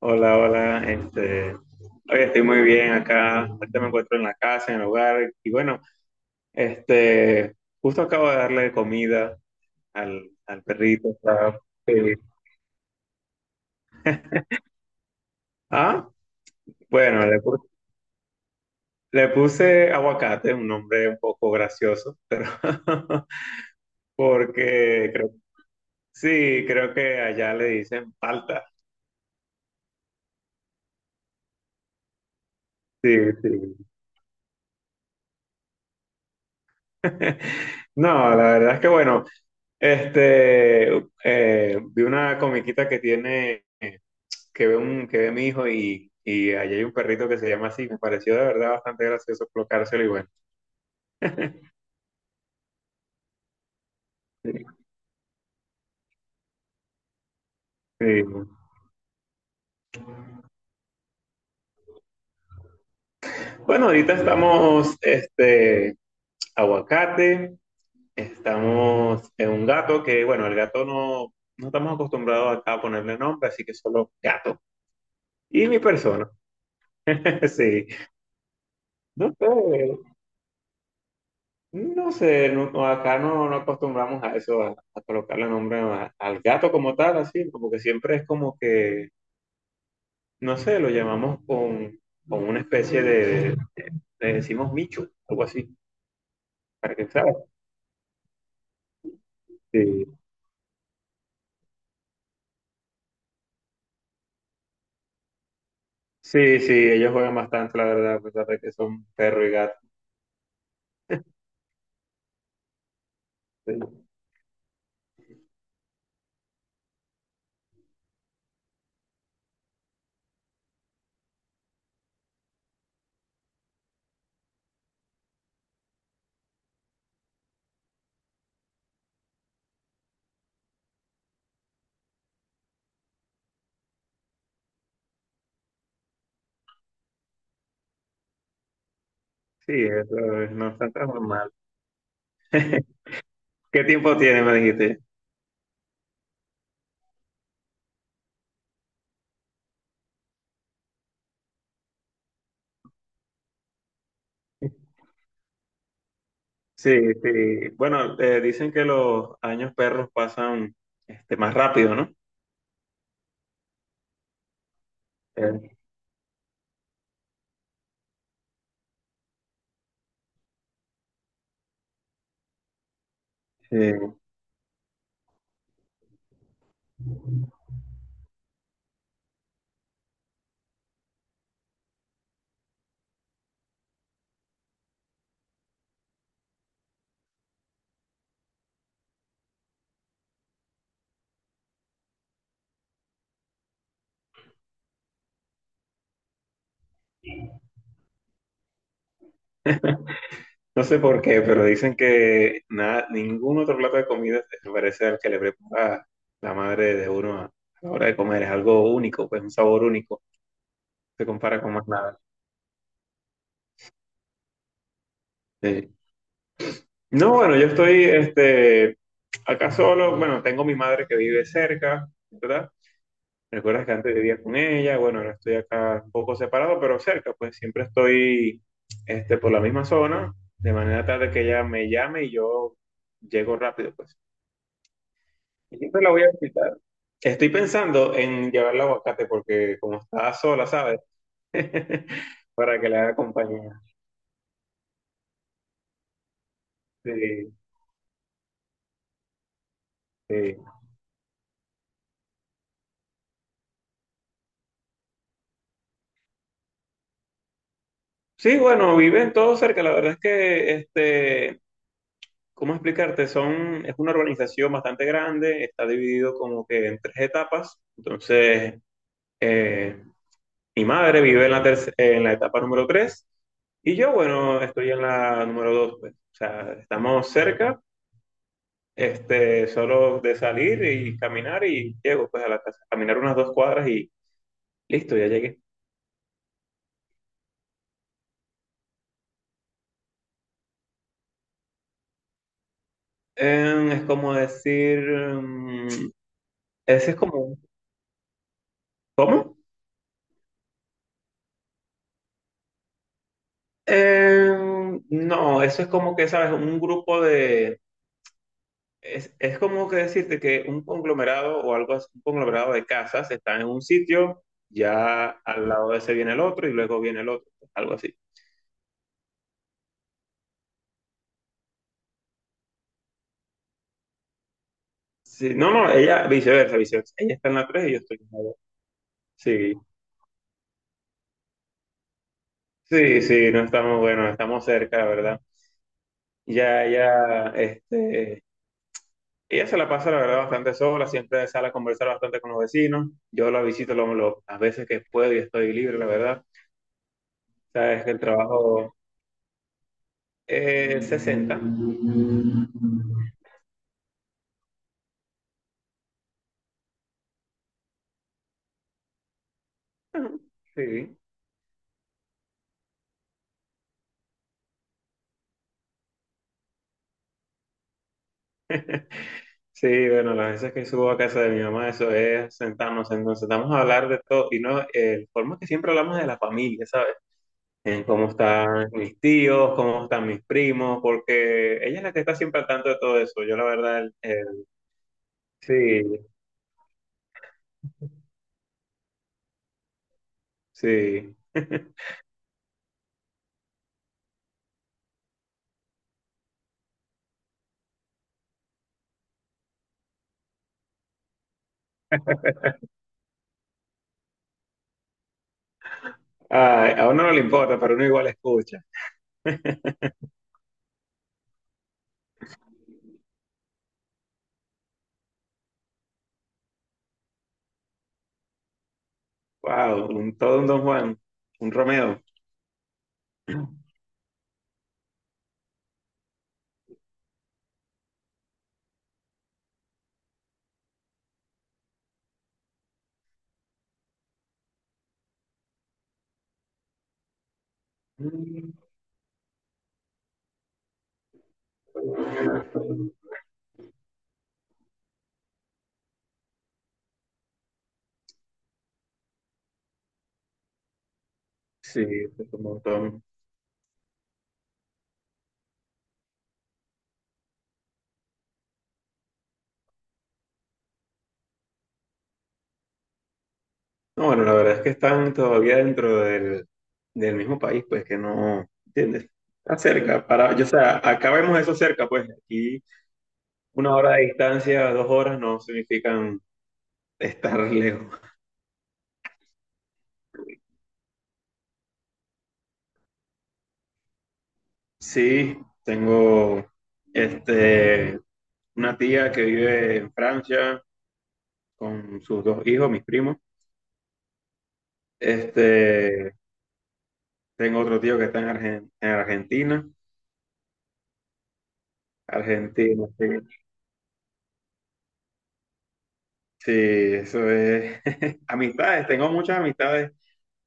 Hola, hola, hoy estoy muy bien acá, ahorita me encuentro en la casa, en el hogar, y bueno, este, justo acabo de darle comida al perrito, está feliz. Ah, bueno, le puse aguacate, un nombre un poco gracioso, pero porque creo, sí, creo que allá le dicen palta, sí, sí. No, la verdad es que bueno, este, vi una comiquita que tiene que ve mi hijo y, allí hay un perrito que se llama así. Me pareció de verdad bastante gracioso colocárselo y bueno. Sí. Sí. Bueno, ahorita aguacate, estamos en un gato que, bueno, el gato no, no estamos acostumbrados acá a ponerle nombre, así que solo gato. Y mi persona. Sí. No sé, no, acá no, no acostumbramos a eso, a colocarle nombre al gato como tal, así, como que siempre es como que. No sé, con una especie de, le decimos micho, algo así, para que sabes. Sí, sí, sí, ellos juegan bastante, la verdad, a pesar de que son perro y gato. Sí, sí, eso es no es tan normal. ¿Qué tiempo tiene, me dijiste? Sí, sí. Bueno, dicen que los años perros pasan más rápido, ¿no? Eh, Sí. No sé por qué, pero dicen que nada, ningún otro plato de comida se parece al que le prepara la madre de uno a la hora de comer. Es algo único, pues un sabor único. Se compara con más nada. Sí. No, bueno, yo estoy acá solo. Bueno, tengo mi madre que vive cerca, ¿verdad? Recuerdas que antes vivía con ella. Bueno, ahora estoy acá un poco separado, pero cerca, pues siempre estoy por la misma zona, de manera tal de que ella me llame y yo llego rápido, pues. Y siempre la voy a visitar. Estoy pensando en llevarla a aguacate porque como está sola, ¿sabes? Para que le haga compañía. Sí, sí. Sí, bueno, viven todos cerca. La verdad es que, ¿cómo explicarte? Son, es una urbanización bastante grande, está dividido como que en tres etapas. Entonces, eh, mi madre vive en en la etapa número tres y yo, bueno, estoy en la número dos, pues. O sea, estamos cerca. Este, solo de salir y caminar y llego pues a la casa. Caminar unas dos cuadras y listo, ya llegué. Es como decir, ese es como, ¿cómo? No, eso es como que, ¿sabes? Es como que decirte que un conglomerado o algo así, un conglomerado de casas está en un sitio, ya al lado de ese viene el otro y luego viene el otro, algo así. Sí, no, no, ella, viceversa, viceversa. Ella está en la 3 y yo estoy en la dos. Sí. Sí, sí, no estamos, bueno, estamos cerca, la verdad. Ya, ya, ella se la pasa, la verdad, bastante sola, siempre sale a conversar bastante con los vecinos. Yo la visito las veces que puedo y estoy libre, la verdad. Sabes que el trabajo es 60. Ajá, sí, sí, bueno, las veces que subo a casa de mi mamá, eso es sentarnos, entonces vamos a hablar de todo, y no, forma que siempre hablamos de la familia, ¿sabes? En cómo están mis tíos, cómo están mis primos, porque ella es la que está siempre al tanto de todo eso. Yo la verdad, sí, sí. Ay, a uno no le importa, pero uno igual escucha. Wow, todo un Don Juan, un Romeo. Mm. Sí, es un montón. No, bueno, la verdad es que están todavía dentro del mismo país, pues que no, ¿entiendes? Está cerca, para, yo, o sea, acá vemos eso cerca, pues aquí una hora de distancia, dos horas no significan estar lejos. Sí, tengo este, una tía que vive en Francia con sus dos hijos, mis primos. Este, tengo otro tío que está en, en Argentina. Argentina, sí. Sí, eso es. Amistades, tengo muchas amistades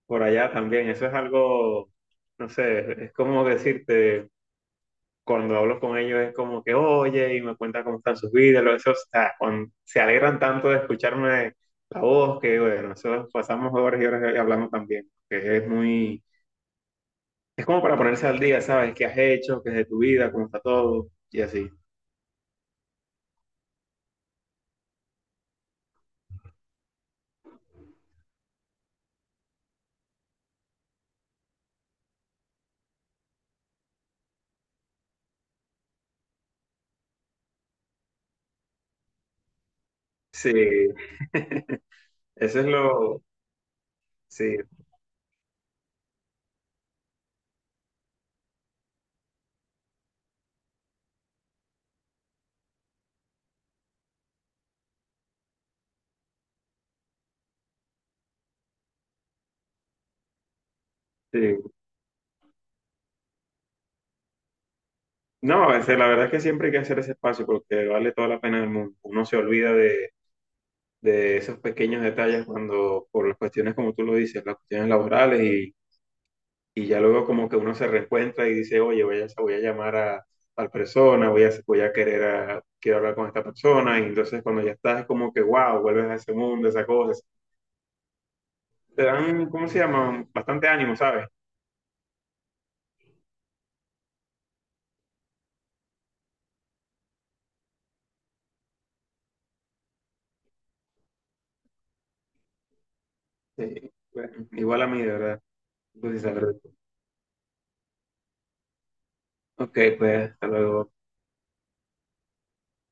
por allá también. Eso es algo, no sé, es como decirte. Cuando hablo con ellos es como que, oye, y me cuentan cómo están sus vidas, eso está, cuando se alegran tanto de escucharme la voz que, bueno, eso pasamos horas y horas hablando también, que es muy, es como para ponerse al día, ¿sabes? ¿Qué has hecho? ¿Qué es de tu vida? ¿Cómo está todo? Y así. Sí, eso es lo, sí, sí. No, a veces la verdad es que siempre hay que hacer ese espacio porque vale toda la pena del mundo. Uno se olvida de esos pequeños detalles cuando, por las cuestiones, como tú lo dices, las cuestiones laborales y ya luego como que uno se reencuentra y dice, oye, voy a llamar a tal persona, voy a querer a- quiero hablar con esta persona, y entonces cuando ya estás es como que, wow, vuelves a ese mundo, esas cosas. Te dan, ¿cómo se llama? Bastante ánimo, ¿sabes? Sí, bueno, igual a mí, de verdad. Pues, sí, la verdad. Ok, pues hasta luego.